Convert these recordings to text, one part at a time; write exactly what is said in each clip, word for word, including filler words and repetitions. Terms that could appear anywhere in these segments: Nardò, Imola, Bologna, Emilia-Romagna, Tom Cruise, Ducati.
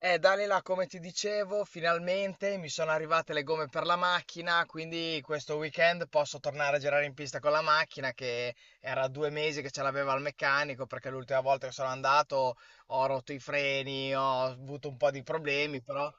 Eh, Dalila, come ti dicevo, finalmente mi sono arrivate le gomme per la macchina, quindi questo weekend posso tornare a girare in pista con la macchina che era due mesi che ce l'aveva al meccanico, perché l'ultima volta che sono andato ho rotto i freni, ho avuto un po' di problemi, però...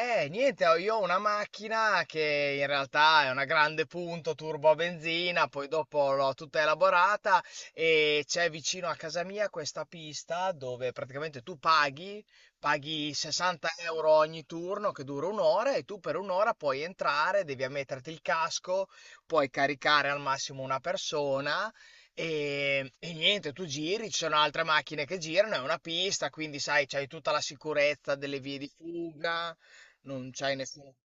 Eh, niente, ho- io ho una macchina che in realtà è una grande punto turbo a benzina, poi dopo l'ho tutta elaborata. E c'è vicino a casa mia questa pista dove praticamente tu paghi, paghi sessanta euro ogni turno, che dura un'ora, e tu per un'ora puoi entrare, devi ammetterti il casco, puoi caricare al massimo una persona. E, e niente, tu giri, ci sono altre macchine che girano, è una pista, quindi sai, c'hai tutta la sicurezza delle vie di fuga. Non c'hai nessuno.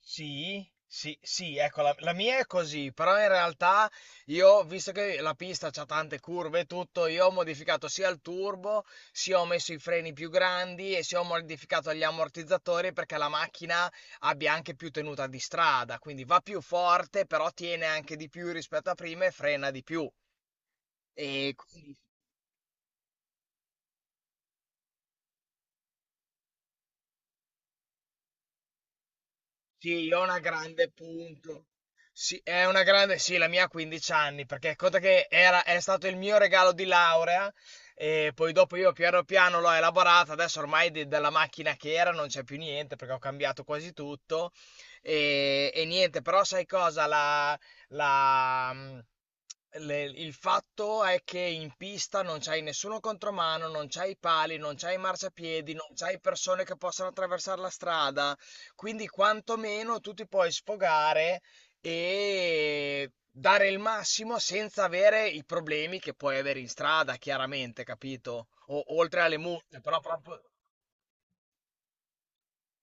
Sì, sì, sì, ecco, la, la mia è così, però in realtà io, visto che la pista c'ha tante curve e tutto, io ho modificato sia il turbo, sia ho messo i freni più grandi e sia ho modificato gli ammortizzatori, perché la macchina abbia anche più tenuta di strada, quindi va più forte, però tiene anche di più rispetto a prima e frena di più. E quindi... Sì, è una grande punto. Sì, è una grande, sì, la mia ha quindici anni, perché conta che era, è stato il mio regalo di laurea, e poi dopo io piano piano l'ho elaborata, adesso ormai de- della macchina che era non c'è più niente, perché ho cambiato quasi tutto. E, e niente, però sai cosa? La, la, mm, le- il fatto è che in pista non c'hai nessuno contromano, non c'hai pali, non c'hai marciapiedi, non c'hai persone che possano attraversare la strada. Quindi quantomeno tu ti puoi sfogare e dare il massimo senza avere i problemi che puoi avere in strada, chiaramente, capito? O- oltre alle multe, però proprio...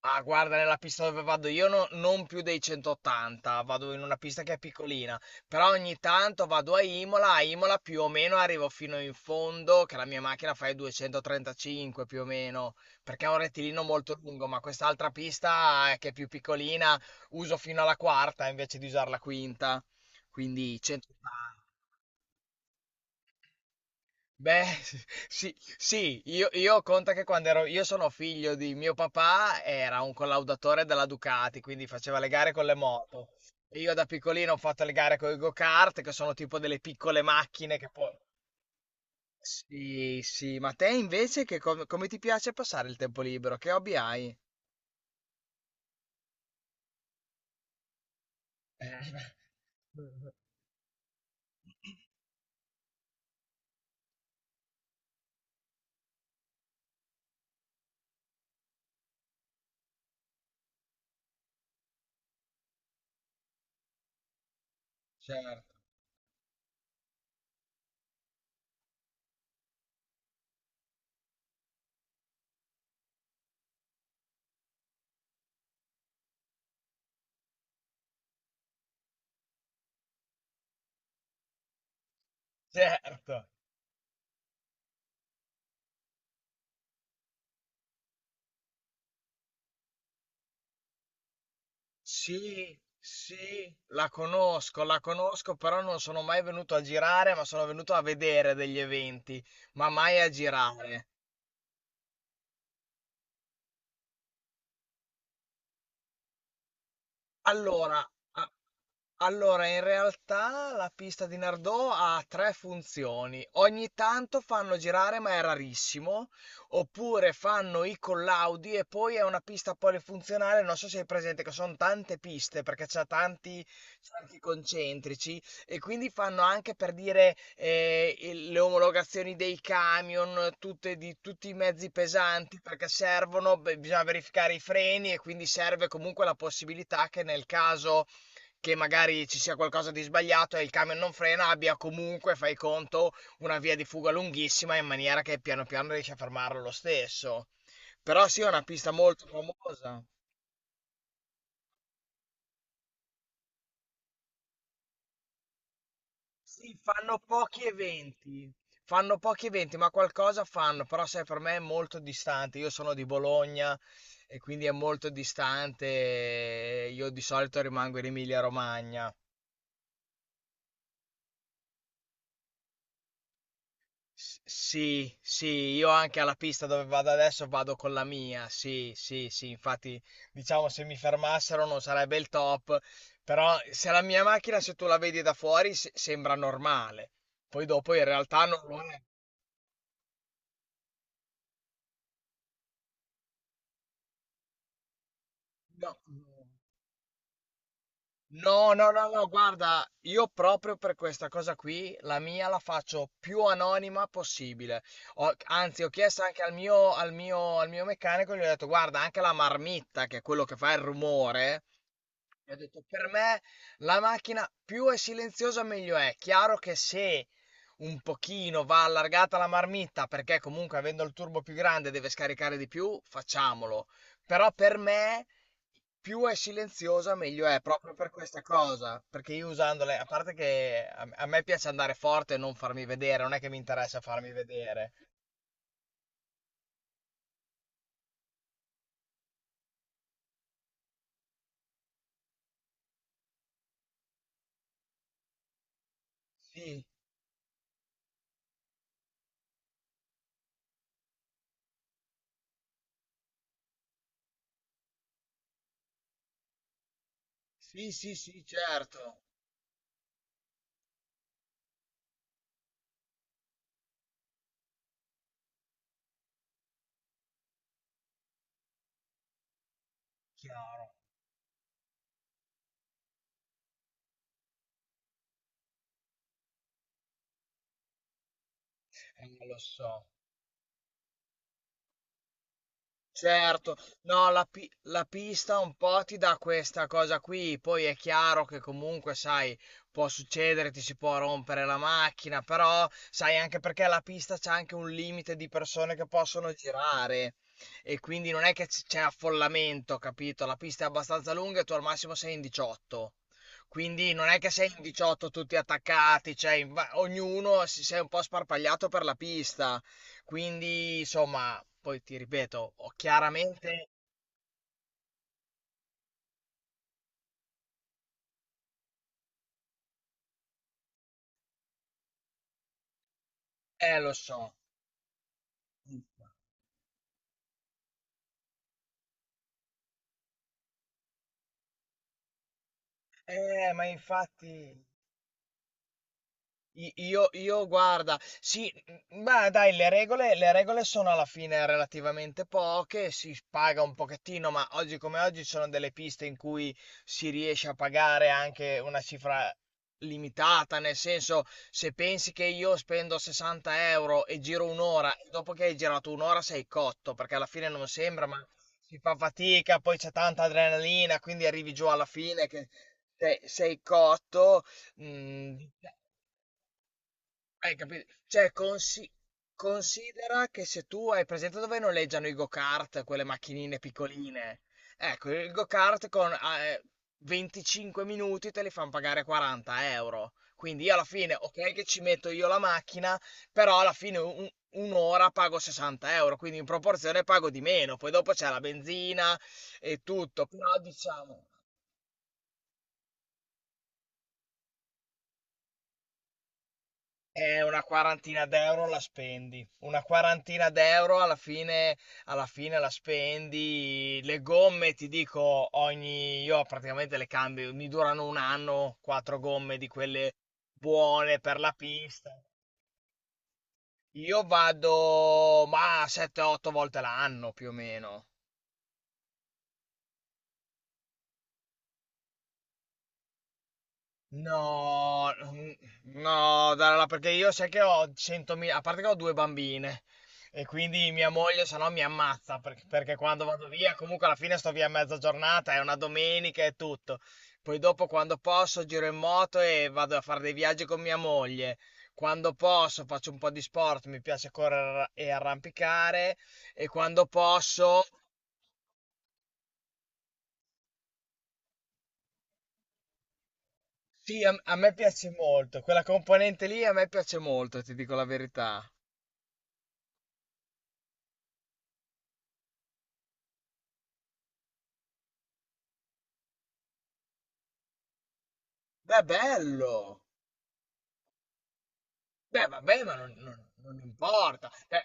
Ah, guarda, nella pista dove vado io no- non più dei centottanta, vado in una pista che è piccolina, però ogni tanto vado a Imola, a Imola più o meno arrivo fino in fondo, che la mia macchina fa i duecentotrentacinque più o meno, perché è un rettilineo molto lungo, ma quest'altra pista eh, che è più piccolina uso fino alla quarta invece di usare la quinta, quindi centottanta. Beh, sì, sì, io, io conta che quando ero, io sono figlio di mio papà, era un collaudatore della Ducati, quindi faceva le gare con le moto. E io da piccolino ho fatto le gare con i go-kart, che sono tipo delle piccole macchine che poi... Sì, sì, ma te invece che com- come ti piace passare il tempo libero? Che hobby hai? Eh, Certo, certo. Sì, sì, la conosco, la conosco, però non sono mai venuto a girare, ma sono venuto a vedere degli eventi, ma mai a girare. Allora, a- allora, in realtà la pista di Nardò ha tre funzioni. Ogni tanto fanno girare, ma è rarissimo, oppure fanno i collaudi, e poi è una pista polifunzionale, non so se hai presente che sono tante piste perché c'è tanti cerchi concentrici. E quindi fanno anche, per dire, eh, il- le omologazioni dei camion, tutte, di tutti i mezzi pesanti, perché servono, beh, bisogna verificare i freni e quindi serve comunque la possibilità che, nel caso che magari ci sia qualcosa di sbagliato e il camion non frena, abbia comunque, fai conto, una via di fuga lunghissima, in maniera che piano piano riesci a fermarlo lo stesso. Però sì, è una pista molto famosa. Sì, fanno pochi eventi, fanno pochi eventi, ma qualcosa fanno, però sai, per me è molto distante, io sono di Bologna e quindi è molto distante, e io di solito rimango in Emilia-Romagna. S- Sì, sì, io anche alla pista dove vado adesso vado con la mia, sì, sì, sì, infatti diciamo se mi fermassero non sarebbe il top, però se la mia macchina, se tu la vedi da fuori se- sembra normale, poi dopo in realtà non lo è. No. No. No, no, no, no, guarda, io proprio per questa cosa qui, la mia la faccio più anonima possibile. Ho- anzi, ho chiesto anche al mio, al mio, al mio meccanico, gli ho detto, guarda, anche la marmitta, che è quello che fa il rumore, gli ho detto, per me la macchina più è silenziosa meglio è. Chiaro che, se un pochino va allargata la marmitta, perché comunque avendo il turbo più grande deve scaricare di più, facciamolo. Però per me più è silenziosa meglio è, proprio per questa cosa. Perché io usandole, a parte che a a me piace andare forte e non farmi vedere, non è che mi interessa farmi vedere. Sì, sì, sì, sì, certo. Chiaro, eh, lo so. Certo, no, la, pi- la pista un po' ti dà questa cosa qui, poi è chiaro che comunque, sai, può succedere, ti si può rompere la macchina, però sai anche perché la pista c'è anche un limite di persone che possono girare, e quindi non è che c- c'è affollamento, capito? La pista è abbastanza lunga e tu al massimo sei in diciotto. Quindi non è che sei in diciotto tutti attaccati, cioè in- va- ognuno si sei un po' sparpagliato per la pista. Quindi, insomma, poi ti ripeto, ho chiaramente... Eh, lo so. Eh, ma infatti... I- Io, io, guarda, sì, m- ma dai, le regole, le regole sono alla fine relativamente poche, si paga un pochettino, ma oggi come oggi ci sono delle piste in cui si riesce a pagare anche una cifra limitata, nel senso, se pensi che io spendo sessanta euro e giro un'ora, e dopo che hai girato un'ora sei cotto, perché alla fine non sembra, ma si fa fatica, poi c'è tanta adrenalina, quindi arrivi giù alla fine che sei sei cotto. Mm, Hai capito? Cioè, consi- considera che, se tu hai presente dove noleggiano i go-kart, quelle macchinine piccoline, ecco, il go-kart con eh, venticinque minuti te li fanno pagare quaranta euro. Quindi io alla fine, ok che ci metto io la macchina, però alla fine un- un'ora pago sessanta euro, quindi in proporzione pago di meno. Poi dopo c'è la benzina e tutto, però diciamo... Eh, una quarantina d'euro la spendi. Una quarantina d'euro alla fine, alla fine la spendi. Le gomme, ti dico, ogni... Io praticamente le cambio, mi durano un anno, quattro gomme di quelle buone per la pista. Io vado, ma sette otto volte l'anno più o meno. No, mm, no, Dalla, perché io sai che ho centomila, a parte che ho due bambine e quindi mia moglie se no mi ammazza, perché, perché quando vado via comunque alla fine sto via mezza giornata, è una domenica e tutto. Poi dopo quando posso giro in moto e vado a fare dei viaggi con mia moglie. Quando posso faccio un po' di sport, mi piace correre e arrampicare, e quando posso... Sì, a a me piace molto, quella componente lì a me piace molto, ti dico la verità. Beh, bello! Beh, vabbè, ma non, non- non importa. Cioè,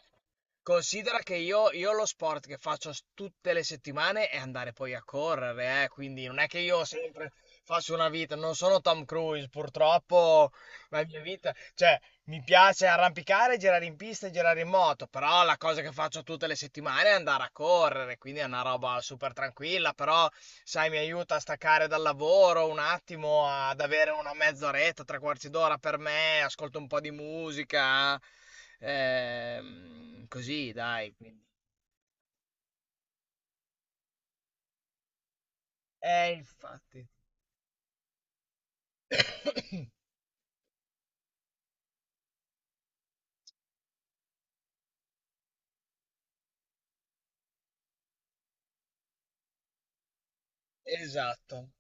considera che io, io lo sport che faccio s- tutte le settimane è andare poi a correre, eh, quindi non è che io sempre faccio una vita, non sono Tom Cruise, purtroppo la mia vita, cioè, mi piace arrampicare, girare in pista e girare in moto, però la cosa che faccio tutte le settimane è andare a correre, quindi è una roba super tranquilla, però sai, mi aiuta a staccare dal lavoro un attimo, ad avere una mezz'oretta, tre quarti d'ora per me, ascolto un po' di musica, ehm, così dai. Quindi... Eh, infatti. Esatto,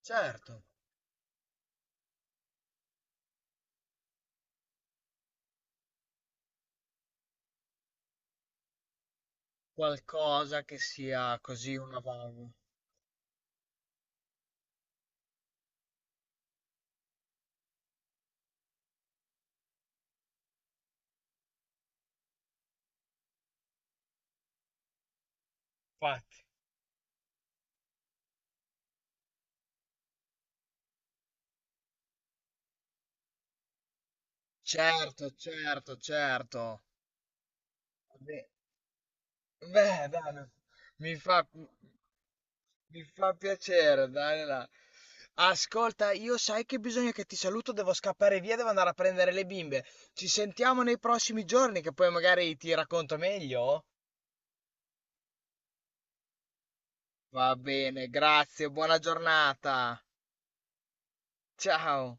certo, qualcosa che sia così una vaga. Infatti. Certo, certo, certo. Beh, beh, dai, no. mi fa, mi fa piacere, dai, là. Ascolta, io sai che bisogna che ti saluto, devo scappare via, devo andare a prendere le bimbe. Ci sentiamo nei prossimi giorni, che poi magari ti racconto meglio. Va bene, grazie, buona giornata. Ciao.